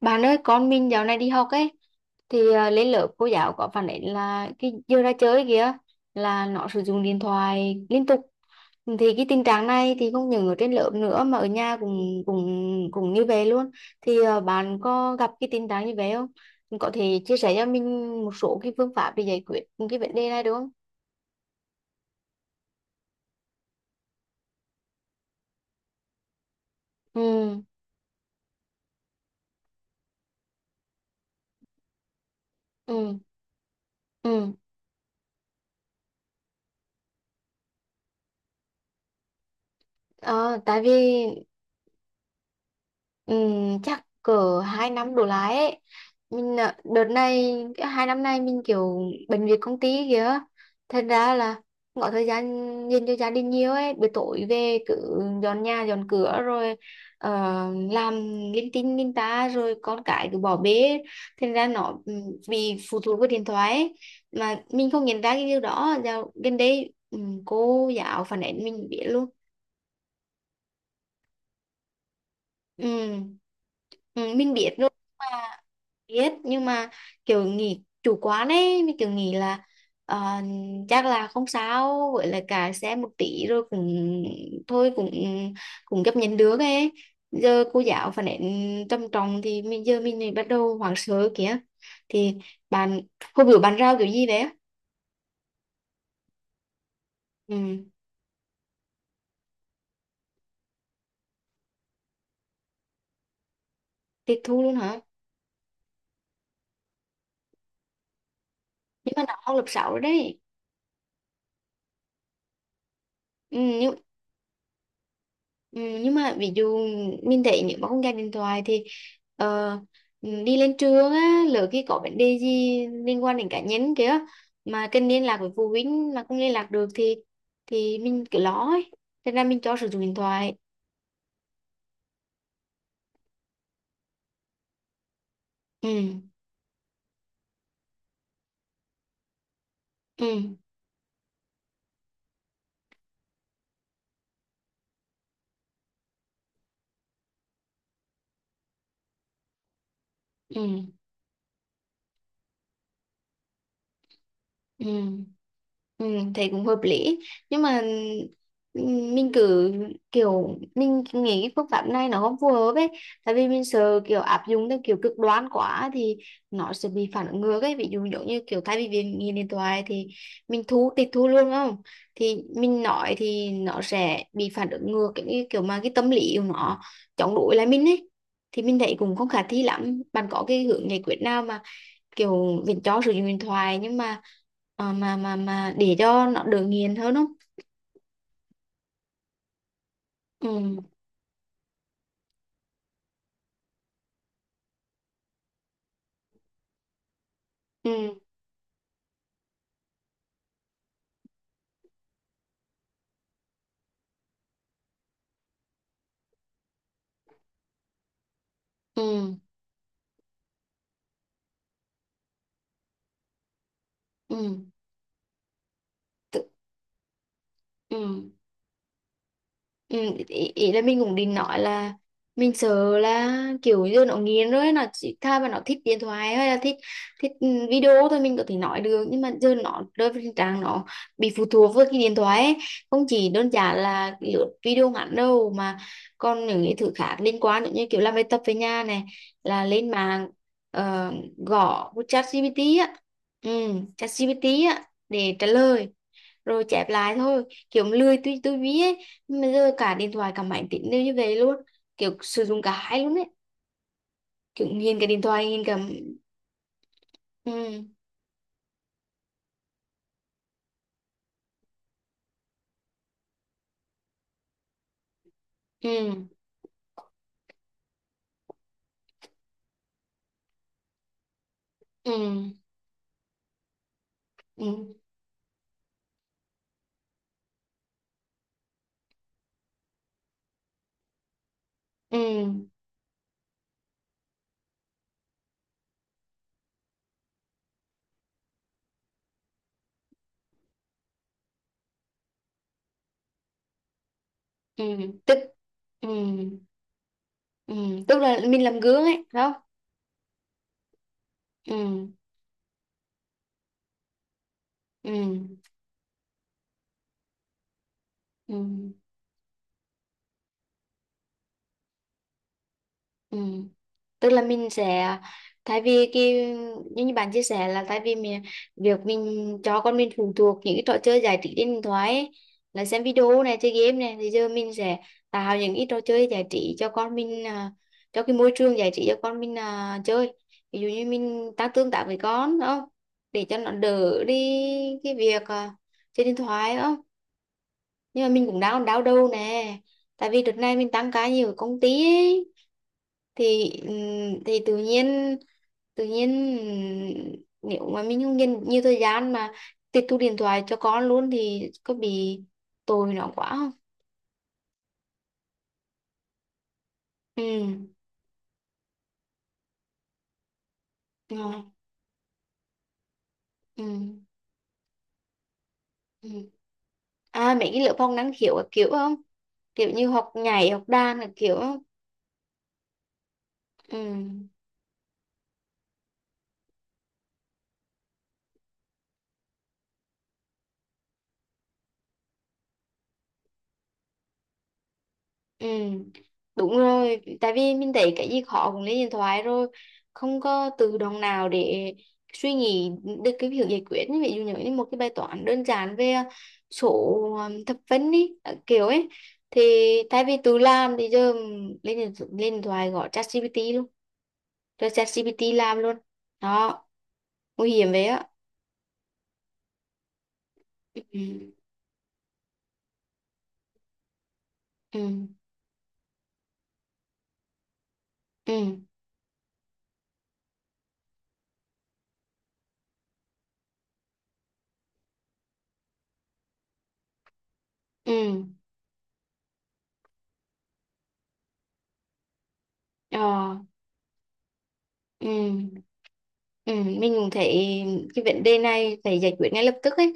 Bạn ơi con mình dạo này đi học ấy thì lên lớp cô giáo có phản ánh là cái giờ ra chơi kìa là nó sử dụng điện thoại liên tục. Thì cái tình trạng này thì không những ở trên lớp nữa mà ở nhà cũng cũng cũng như vậy luôn. Thì bạn có gặp cái tình trạng như vậy không, có thể chia sẻ cho mình một số cái phương pháp để giải quyết cái vấn đề này được không? Ừ. Ừ. Ừ. Ờ, tại vì chắc cỡ hai năm đổ lại ấy. Mình đợt này cái hai năm nay mình kiểu bận việc công ty kìa, thành ra là không có thời gian dành cho gia đình nhiều ấy. Buổi tối về cứ dọn nhà dọn cửa rồi ờ, làm linh tinh linh ta rồi con cái cứ bỏ bê. Thành ra nó bị phụ thuộc vào điện thoại ấy. Mà mình không nhận ra cái điều đó. Dạo gần đây cô giáo phản ánh mình biết luôn. Ừm. Ừ, mình biết biết nhưng mà kiểu nghỉ chủ quán ấy mình kiểu nghĩ là ờ, chắc là không sao, với lại cả xe một tí rồi cũng thôi cũng cũng chấp nhận được ấy. Giờ cô giáo phản ánh trầm trọng thì mình giờ mình lại bắt đầu hoảng sợ kìa. Thì bạn hôm bữa bạn rau kiểu gì đấy. Ừ, tiết thu luôn hả? Nhưng mà nó học lớp 6 rồi đấy. Ừ, nhưng mà ví dụ mình thấy nếu mà không gạt điện thoại thì ờ, đi lên trường á, lỡ khi có vấn đề gì liên quan đến cá nhân kìa mà cần liên lạc với phụ huynh mà không liên lạc được thì mình cứ lo ấy. Thế nên mình cho sử dụng điện thoại. Ừ. Ừ. Ừ. Ừ. Ừ, thấy cũng hợp lý nhưng mà ừ, mình cứ kiểu mình nghĩ cái phương pháp này nó không phù hợp ấy. Tại vì mình sợ kiểu áp dụng theo kiểu cực đoan quá thì nó sẽ bị phản ứng ngược ấy. Ví dụ giống như kiểu thay vì việc nghiện điện thoại thì mình tịch thu luôn đúng không? Thì mình nói thì nó sẽ bị phản ứng ngược. Cái kiểu mà cái tâm lý của nó chống đối lại mình ấy. Thì mình thấy cũng không khả thi lắm. Bạn có cái hướng giải quyết nào mà kiểu mình cho sử dụng điện thoại nhưng mà để cho nó đỡ nghiền hơn không? Ừ. Ừ. Ừ. Ừ. tự- ừ. Ừ, ý là mình cũng định nói là mình sợ là kiểu giờ nó nghiện rồi nó chỉ tha mà nó thích điện thoại hay là thích thích video thôi. Mình có thể nói được nhưng mà giờ nó rơi vào tình trạng nó bị phụ thuộc với cái điện thoại ấy. Không chỉ đơn giản là lướt video ngắn đâu mà còn những cái thứ khác liên quan nữa, như kiểu làm bài tập về nhà này là lên mạng, ờ, gõ với ChatGPT á. Ừ, ChatGPT á để trả lời rồi chép lại thôi. Kiểu lười tuy tôi biết ấy nhưng mà giờ cả điện thoại cả máy tính đều như vậy luôn. Kiểu sử dụng cả hai luôn ấy. Kiểu nghiền cả điện thoại nghiền cả. Ừ. Ừ. Ừ. Ừ. Ừ. Ừ. tức ừ. Ừ, tức là mình làm gương ấy phải không? Ừ. Ừ. Ừ. Ừ. Ừ. Tức là mình sẽ thay vì cái như như bạn chia sẻ là thay vì mình việc mình cho con mình phụ thuộc những cái trò chơi giải trí trên điện thoại ấy, là xem video này chơi game này thì giờ mình sẽ tạo những cái trò chơi giải trí cho con mình, cho cái môi trường giải trí cho con mình, chơi. Ví dụ như mình tăng tương tác với con đúng không, để cho nó đỡ đi cái việc chơi điện thoại đúng không? Nhưng mà mình cũng đang đau đầu nè, tại vì đợt này mình tăng ca nhiều ở công ty ấy. Thì thì tự nhiên nếu mà mình không dành nhiều thời gian mà tịch thu điện thoại cho con luôn thì có bị tội nó quá không? Ừ. Rồi. Ừ. Ừ. À, mấy cái lớp học năng khiếu các kiểu không, kiểu như học nhảy học đàn các kiểu không? Ừ. Ừ, đúng rồi, tại vì mình thấy cái gì khó cũng lên điện thoại rồi, không có tự động nào để suy nghĩ được cái việc giải quyết. Ví dụ như một cái bài toán đơn giản về số thập phân đi, kiểu ấy, thì thay vì tự làm thì giờ lên điện thoại gọi ChatGPT luôn, cho ChatGPT làm luôn. Đó, nguy hiểm vậy á. Ừ. Ừ. Ừ. Ừ. Ờ. Ừ. Ừ, mình cũng thấy cái vấn đề này phải giải quyết ngay lập tức ấy.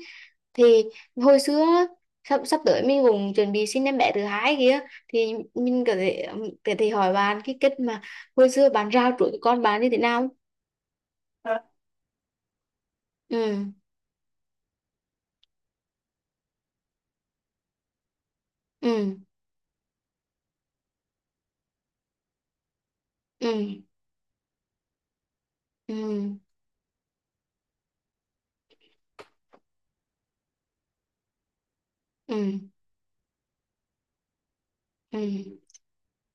Thì hồi xưa á, sắp sắp tới mình cũng chuẩn bị sinh em bé thứ hai kia. Thì mình có thể hỏi bạn cái cách mà hồi xưa bạn rao chuỗi cho con bạn như thế nào. Ừ. Ừ. Ừ. Ừ. Ừ. Ừ.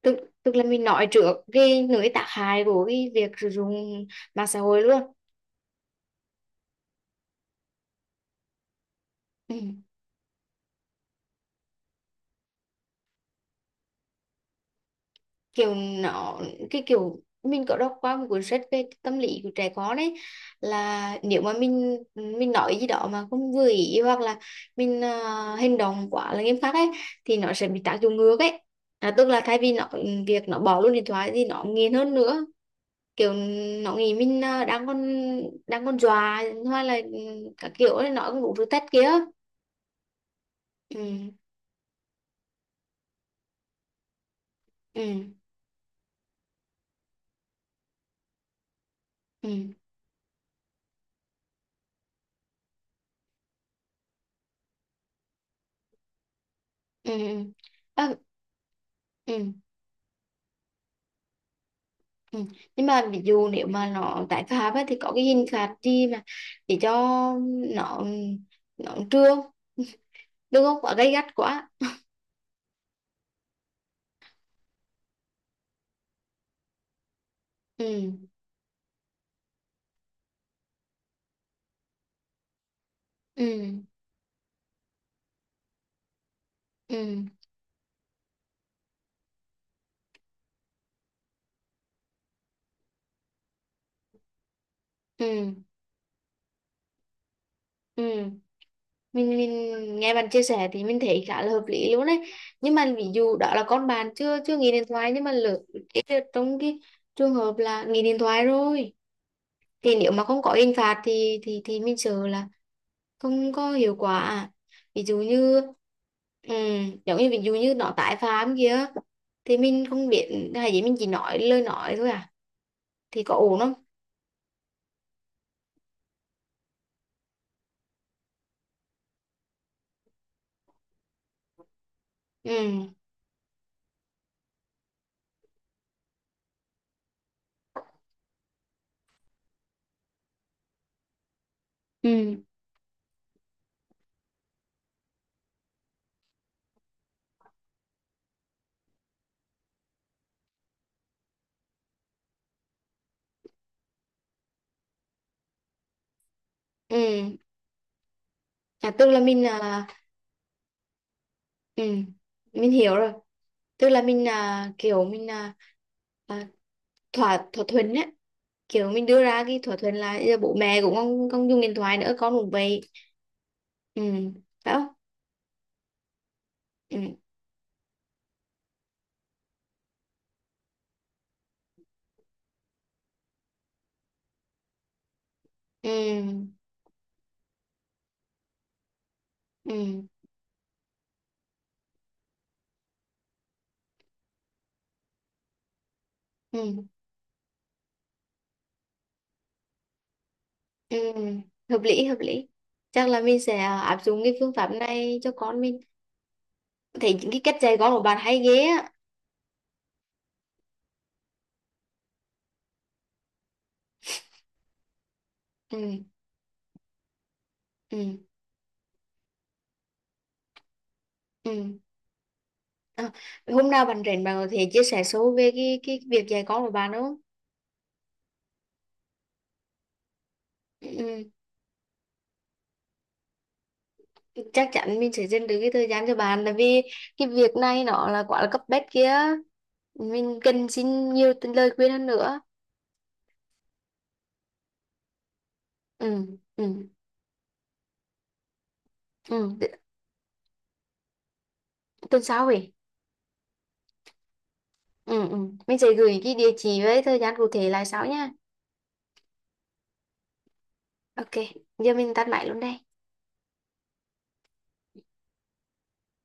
tức tức là mình nói trước cái nỗi tác hại của cái việc sử dụng mạng xã hội luôn. Ừ, kiểu nó cái kiểu mình có đọc qua một cuốn sách về tâm lý của trẻ con ấy là nếu mà mình nói gì đó mà không vừa ý hoặc là mình hành động quá là nghiêm khắc ấy thì nó sẽ bị tác dụng ngược ấy. À, tức là thay vì việc nó bỏ luôn điện thoại thì nó nghiện hơn nữa. Kiểu nó nghĩ mình đang còn dọa hoặc là các kiểu ấy, nó cũng đủ thứ tết kia. Ừ. Ừ. Ừ. Ừ. Ừ. Ừ. À. Ừ. Ừ. Nhưng mà ví dụ nếu mà nó tái phạm ấy, thì có cái hình phạt gì mà để cho nó nó trưa đừng có quá gay gắt quá? Ừ. Ừ. Ừ. Ừ. Ừ. Mình nghe bạn chia sẻ thì mình thấy khá là hợp lý luôn đấy. Nhưng mà ví dụ đó là con bạn chưa chưa nghỉ điện thoại, nhưng mà lỡ cái đợt trong cái trường hợp là nghỉ điện thoại rồi thì nếu mà không có hình phạt thì thì mình sợ là không có hiệu quả. Ví dụ như giống như ví dụ như nó tái phạm kia, thì mình không biết hay gì, mình chỉ nói lời nói thôi à, thì có ổn không? Ừ. Ừ. Ừ. À, tức là mình à, ừ mình hiểu rồi. Tức là mình kiểu mình à, thỏa thỏa thuận ấy. Kiểu mình đưa ra cái thỏa thuận là bây giờ bố mẹ cũng không không dùng điện thoại nữa, con cũng vậy. Ừ, phải không? Ừ. Ừ. Ừ. Ừ. Ừ, hợp lý hợp lý. Chắc là mình sẽ áp dụng cái phương pháp này cho con mình. Thấy những cái cách dạy con của bạn hay ghê á. Ừ. Ừ. Ừ. À, hôm nào bạn rảnh bạn có thể chia sẻ sâu về cái việc dạy con của bạn không? Ừ, ừ. Chắc chắn mình sẽ dành được cái thời gian cho bạn, tại vì cái việc này nó là quá là cấp bách kia. Mình cần xin nhiều lời khuyên hơn nữa. Ừ. Ừ. Ừ. Tuần sau vậy. Ừ. Ừ. Mình sẽ gửi cái địa chỉ với thời gian cụ thể lại sau nha. OK, giờ mình tắt máy luôn đây.